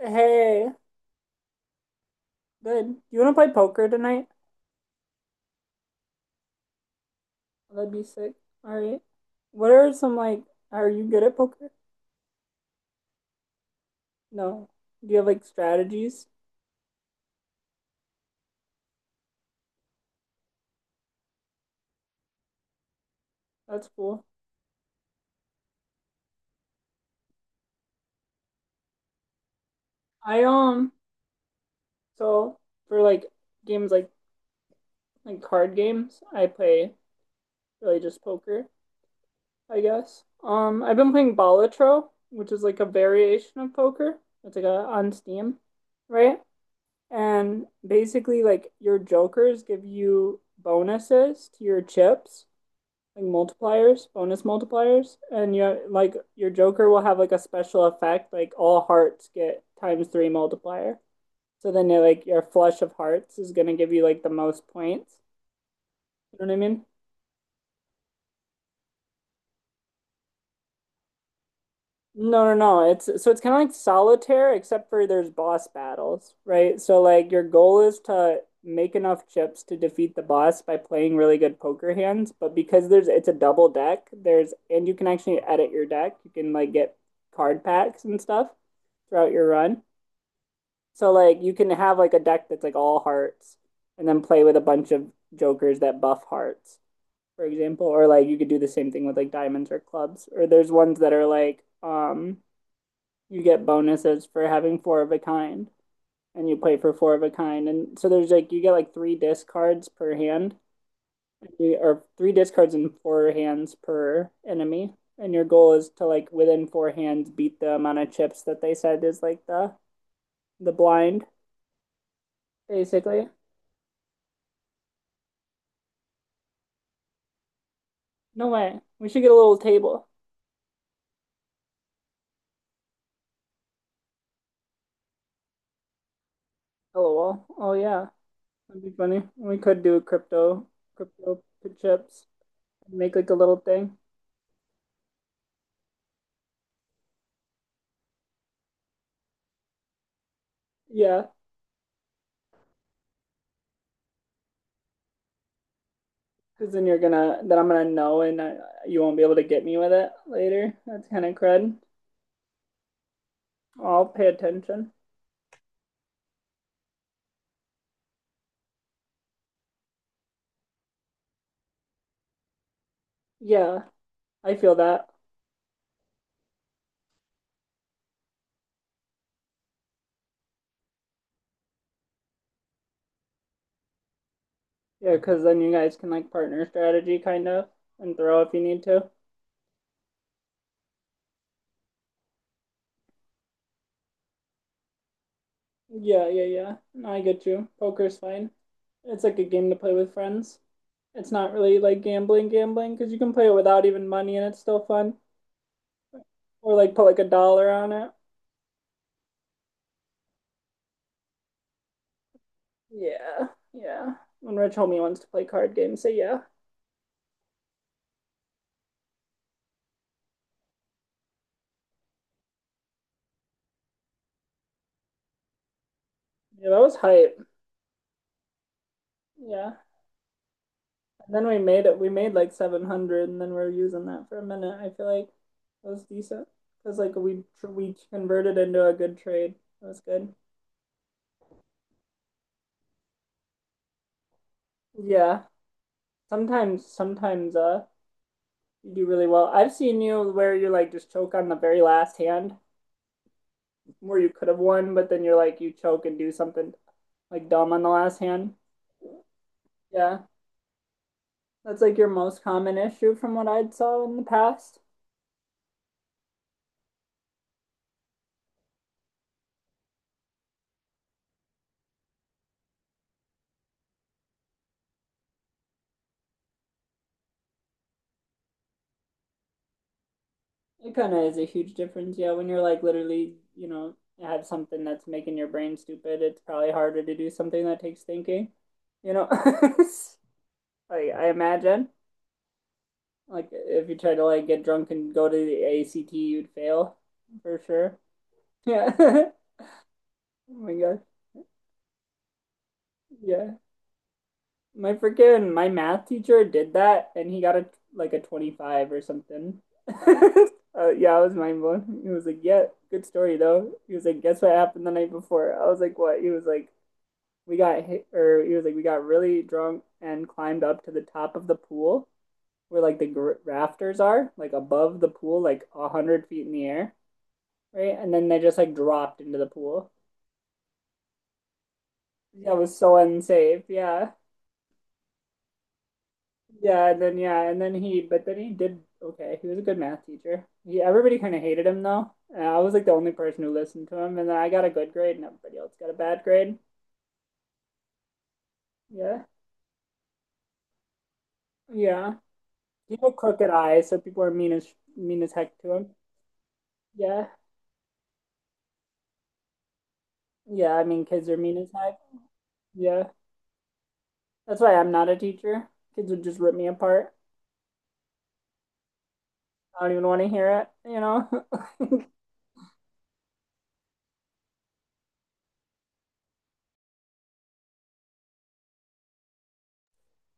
Hey, good. You want to play poker tonight? That'd be sick. All right. What are some are you good at poker? No. Do you have like strategies? That's cool. I so for like games like card games, I play really just poker, I guess. I've been playing Balatro, which is like a variation of poker. It's like a on Steam, right? And basically like your jokers give you bonuses to your chips, like multipliers, bonus multipliers, and your like your Joker will have like a special effect, like all hearts get times three multiplier. So then like your flush of hearts is gonna give you like the most points. You know what I mean? No, no, no. It's it's kind of like solitaire, except for there's boss battles, right? So like your goal is to make enough chips to defeat the boss by playing really good poker hands. But because there's it's a double deck, there's and you can actually edit your deck. You can like get card packs and stuff throughout your run. So like you can have like a deck that's like all hearts and then play with a bunch of jokers that buff hearts, for example. Or like you could do the same thing with like diamonds or clubs. Or there's ones that are like you get bonuses for having four of a kind and you play for four of a kind, and so there's like you get like three discards per hand, or three discards and four hands per enemy, and your goal is to like within four hands beat the amount of chips that they said is like the blind, basically. No way, we should get a little table. Lol, oh yeah, that'd be funny. We could do crypto, crypto chips, and make like a little thing. Yeah. Because then you're gonna, then I'm gonna know, and I, you won't be able to get me with it later. That's kind of crud. I'll pay attention. Yeah, I feel that. Yeah, because then you guys can like partner strategy kind of and throw if you need to. Yeah, yeah, yeah. No, I get you. Poker's fine. It's like a game to play with friends. It's not really like gambling, gambling, because you can play it without even money and it's still fun. Or like put like a dollar on it. Yeah, yeah. When Rich Homie wants to play card games, say yeah. Yeah, that was hype. Yeah. Then we made it. We made like 700, and then we are using that for a minute. I feel like it was decent, because like we converted into a good trade. It was good. Yeah. Sometimes you do really well. I've seen you where you like just choke on the very last hand where you could have won, but then you're like you choke and do something like dumb on the last hand. Yeah. That's like your most common issue from what I'd saw in the past. It kind of is a huge difference, yeah. When you're like literally, you know, have something that's making your brain stupid, it's probably harder to do something that takes thinking, you know. Like I imagine, like if you try to like get drunk and go to the ACT, you'd fail for sure. Yeah. Oh my gosh. Yeah. My freaking my math teacher did that and he got a like a 25 or something. Yeah, I was mind blown. He was like, "Yeah, good story though." He was like, "Guess what happened the night before?" I was like, "What?" He was like, "We got hit," or he was like, "We got really drunk and climbed up to the top of the pool where like the rafters are, like above the pool, like 100 feet in the air, right?" And then they just like dropped into the pool. That was so unsafe. Yeah. Yeah, and then he, but then he did okay. He was a good math teacher. He, everybody kind of hated him though. And I was like the only person who listened to him, and then I got a good grade, and everybody else got a bad grade. Yeah, yeah. He had crooked eyes, so people are mean as heck to him. Yeah, yeah. I mean, kids are mean as heck. Yeah, that's why I'm not a teacher. Kids would just rip me apart. I don't even want to hear it, you know.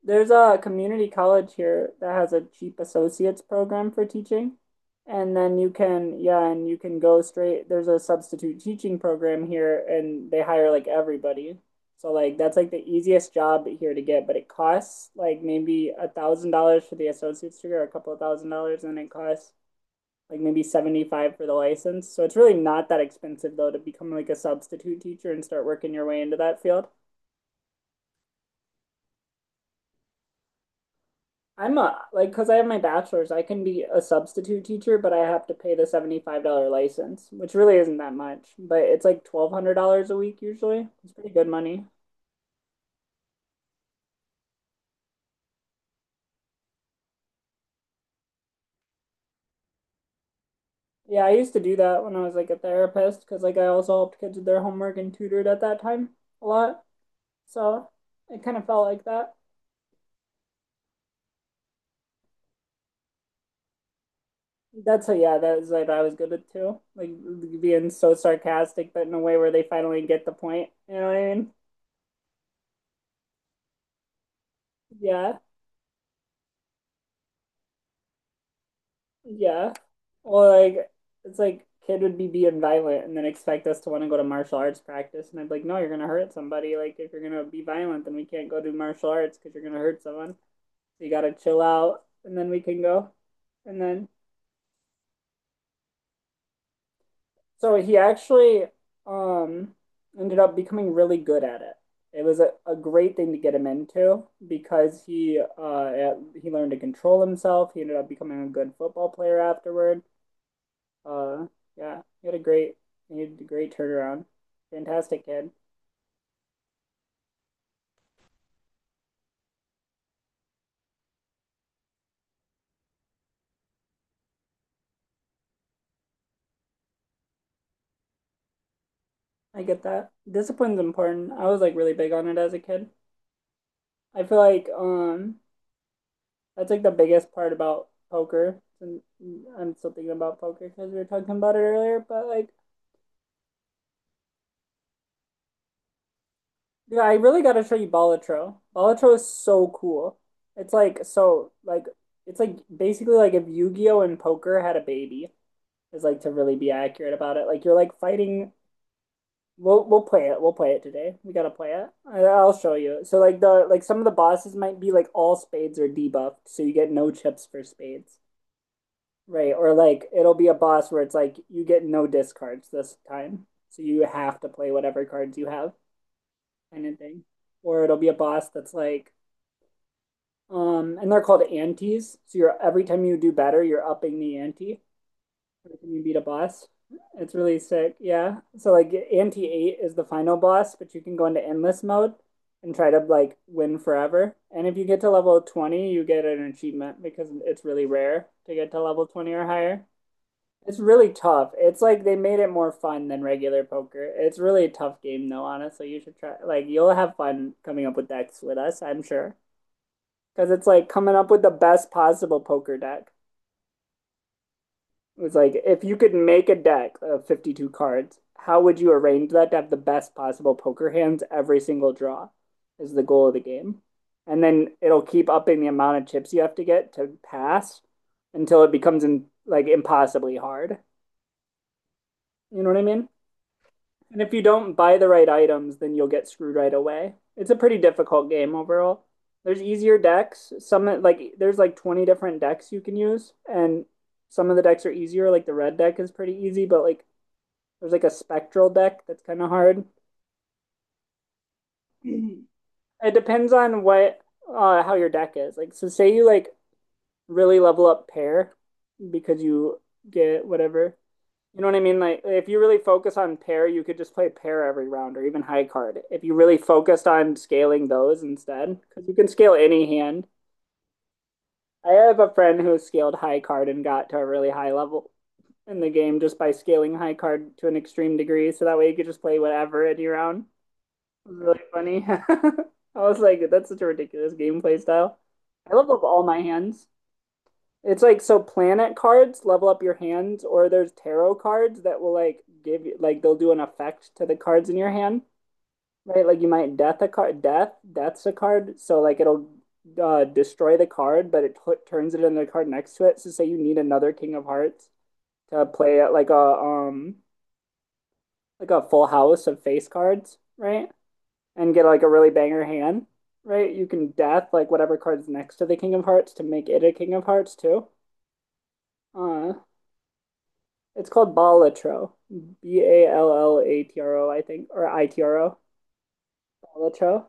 There's a community college here that has a cheap associates program for teaching. And then you can, yeah, and you can go straight. There's a substitute teaching program here, and they hire like everybody. So like that's like the easiest job here to get, but it costs like maybe $1,000 for the associate's degree or a couple of thousand dollars, and it costs like maybe 75 for the license. So it's really not that expensive though to become like a substitute teacher and start working your way into that field. I'm a like Because I have my bachelor's, I can be a substitute teacher, but I have to pay the $75 license, which really isn't that much, but it's like $1,200 a week usually. It's pretty good money. Yeah, I used to do that when I was like a therapist, because like I also helped kids with their homework and tutored at that time a lot. So it kind of felt like that. Yeah, that's like I was good at too. Like being so sarcastic, but in a way where they finally get the point. You know what I mean? Yeah. Yeah. Well, like it's like kid would be being violent and then expect us to want to go to martial arts practice, and I'd be like, no, you're gonna hurt somebody. Like if you're gonna be violent, then we can't go do martial arts because you're gonna hurt someone. So you gotta chill out, and then we can go. And then so he actually um ended up becoming really good at it. It was a great thing to get him into because he learned to control himself. He ended up becoming a good football player afterward. Uh, yeah, he had a great turnaround. Fantastic kid. I get that. Discipline's important. I was like really big on it as a kid. I feel like that's like the biggest part about poker. And I'm still thinking about poker because we were talking about it earlier. But like, yeah, I really gotta show you Balatro. Balatro is so cool. It's like so like it's like basically like if Yu-Gi-Oh and poker had a baby is like to really be accurate about it. Like you're like fighting. We'll play it. We'll play it today. We gotta play it. I- will show you. So like the like some of the bosses might be like all spades are debuffed, so you get no chips for spades, right? Or like it'll be a boss where it's like you get no discards this time, so you have to play whatever cards you have, kind of thing. Or it'll be a boss that's like, and they're called antes. So you're every time you do better, you're upping the ante. Like, can you beat a boss? It's really sick. Yeah. So like Anti 8 is the final boss, but you can go into endless mode and try to like win forever. And if you get to level 20, you get an achievement because it's really rare to get to level 20 or higher. It's really tough. It's like they made it more fun than regular poker. It's really a tough game though, honestly. You should try, like you'll have fun coming up with decks with us, I'm sure. Because it's like coming up with the best possible poker deck. It was like if you could make a deck of 52 cards, how would you arrange that to have the best possible poker hands every single draw is the goal of the game. And then it'll keep upping the amount of chips you have to get to pass until it becomes like impossibly hard. You know what I mean? And if you don't buy the right items, then you'll get screwed right away. It's a pretty difficult game overall. There's easier decks. Some like there's like 20 different decks you can use, and some of the decks are easier, like the red deck is pretty easy, but like there's like a spectral deck that's kind of hard. Mm-hmm. It depends on what how your deck is. Like so say you like really level up pair because you get whatever. You know what I mean? Like if you really focus on pair, you could just play pair every round or even high card. If you really focused on scaling those instead, because you can scale any hand. I have a friend who scaled high card and got to a really high level in the game just by scaling high card to an extreme degree. So that way you could just play whatever in your round. Was really funny. I was like, that's such a ridiculous gameplay style. I level up all my hands. It's like so planet cards level up your hands, or there's tarot cards that will like give you like they'll do an effect to the cards in your hand, right? Like you might death a card, death's a card, so like it'll destroy the card, but it t turns it into the card next to it. So say you need another King of Hearts to play at like a full house of face cards, right? And get like a really banger hand, right? You can death like whatever card is next to the King of Hearts to make it a King of Hearts too. Uh, it's called Balatro. B A L L A T R O, I think, or ITRO. Balatro.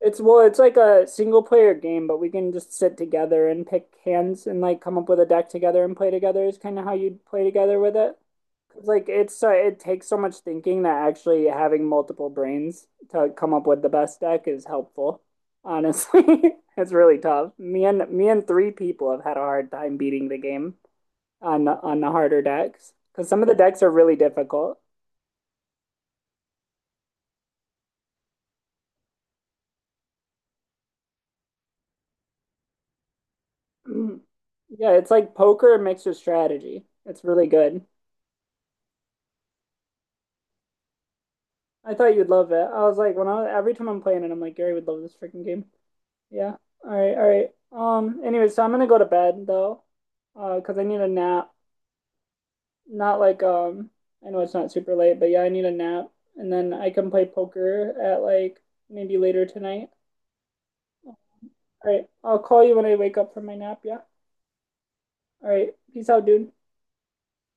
It's well, it's like a single player game, but we can just sit together and pick hands and like come up with a deck together and play together is kind of how you'd play together with it. It's like it's so it takes so much thinking that actually having multiple brains to come up with the best deck is helpful. Honestly, it's really tough. Me and three people have had a hard time beating the game on on the harder decks because some of the decks are really difficult. Yeah, it's like poker mixed with strategy. It's really good. I thought you'd love it. I was like, when I every time I'm playing it, I'm like, Gary would love this freaking game. Yeah. All right. All right. Anyway, so I'm gonna go to bed though, because I need a nap. Not like I know it's not super late, but yeah, I need a nap. And then I can play poker at like maybe later tonight. All right. I'll call you when I wake up from my nap, yeah? All right. Peace out, dude.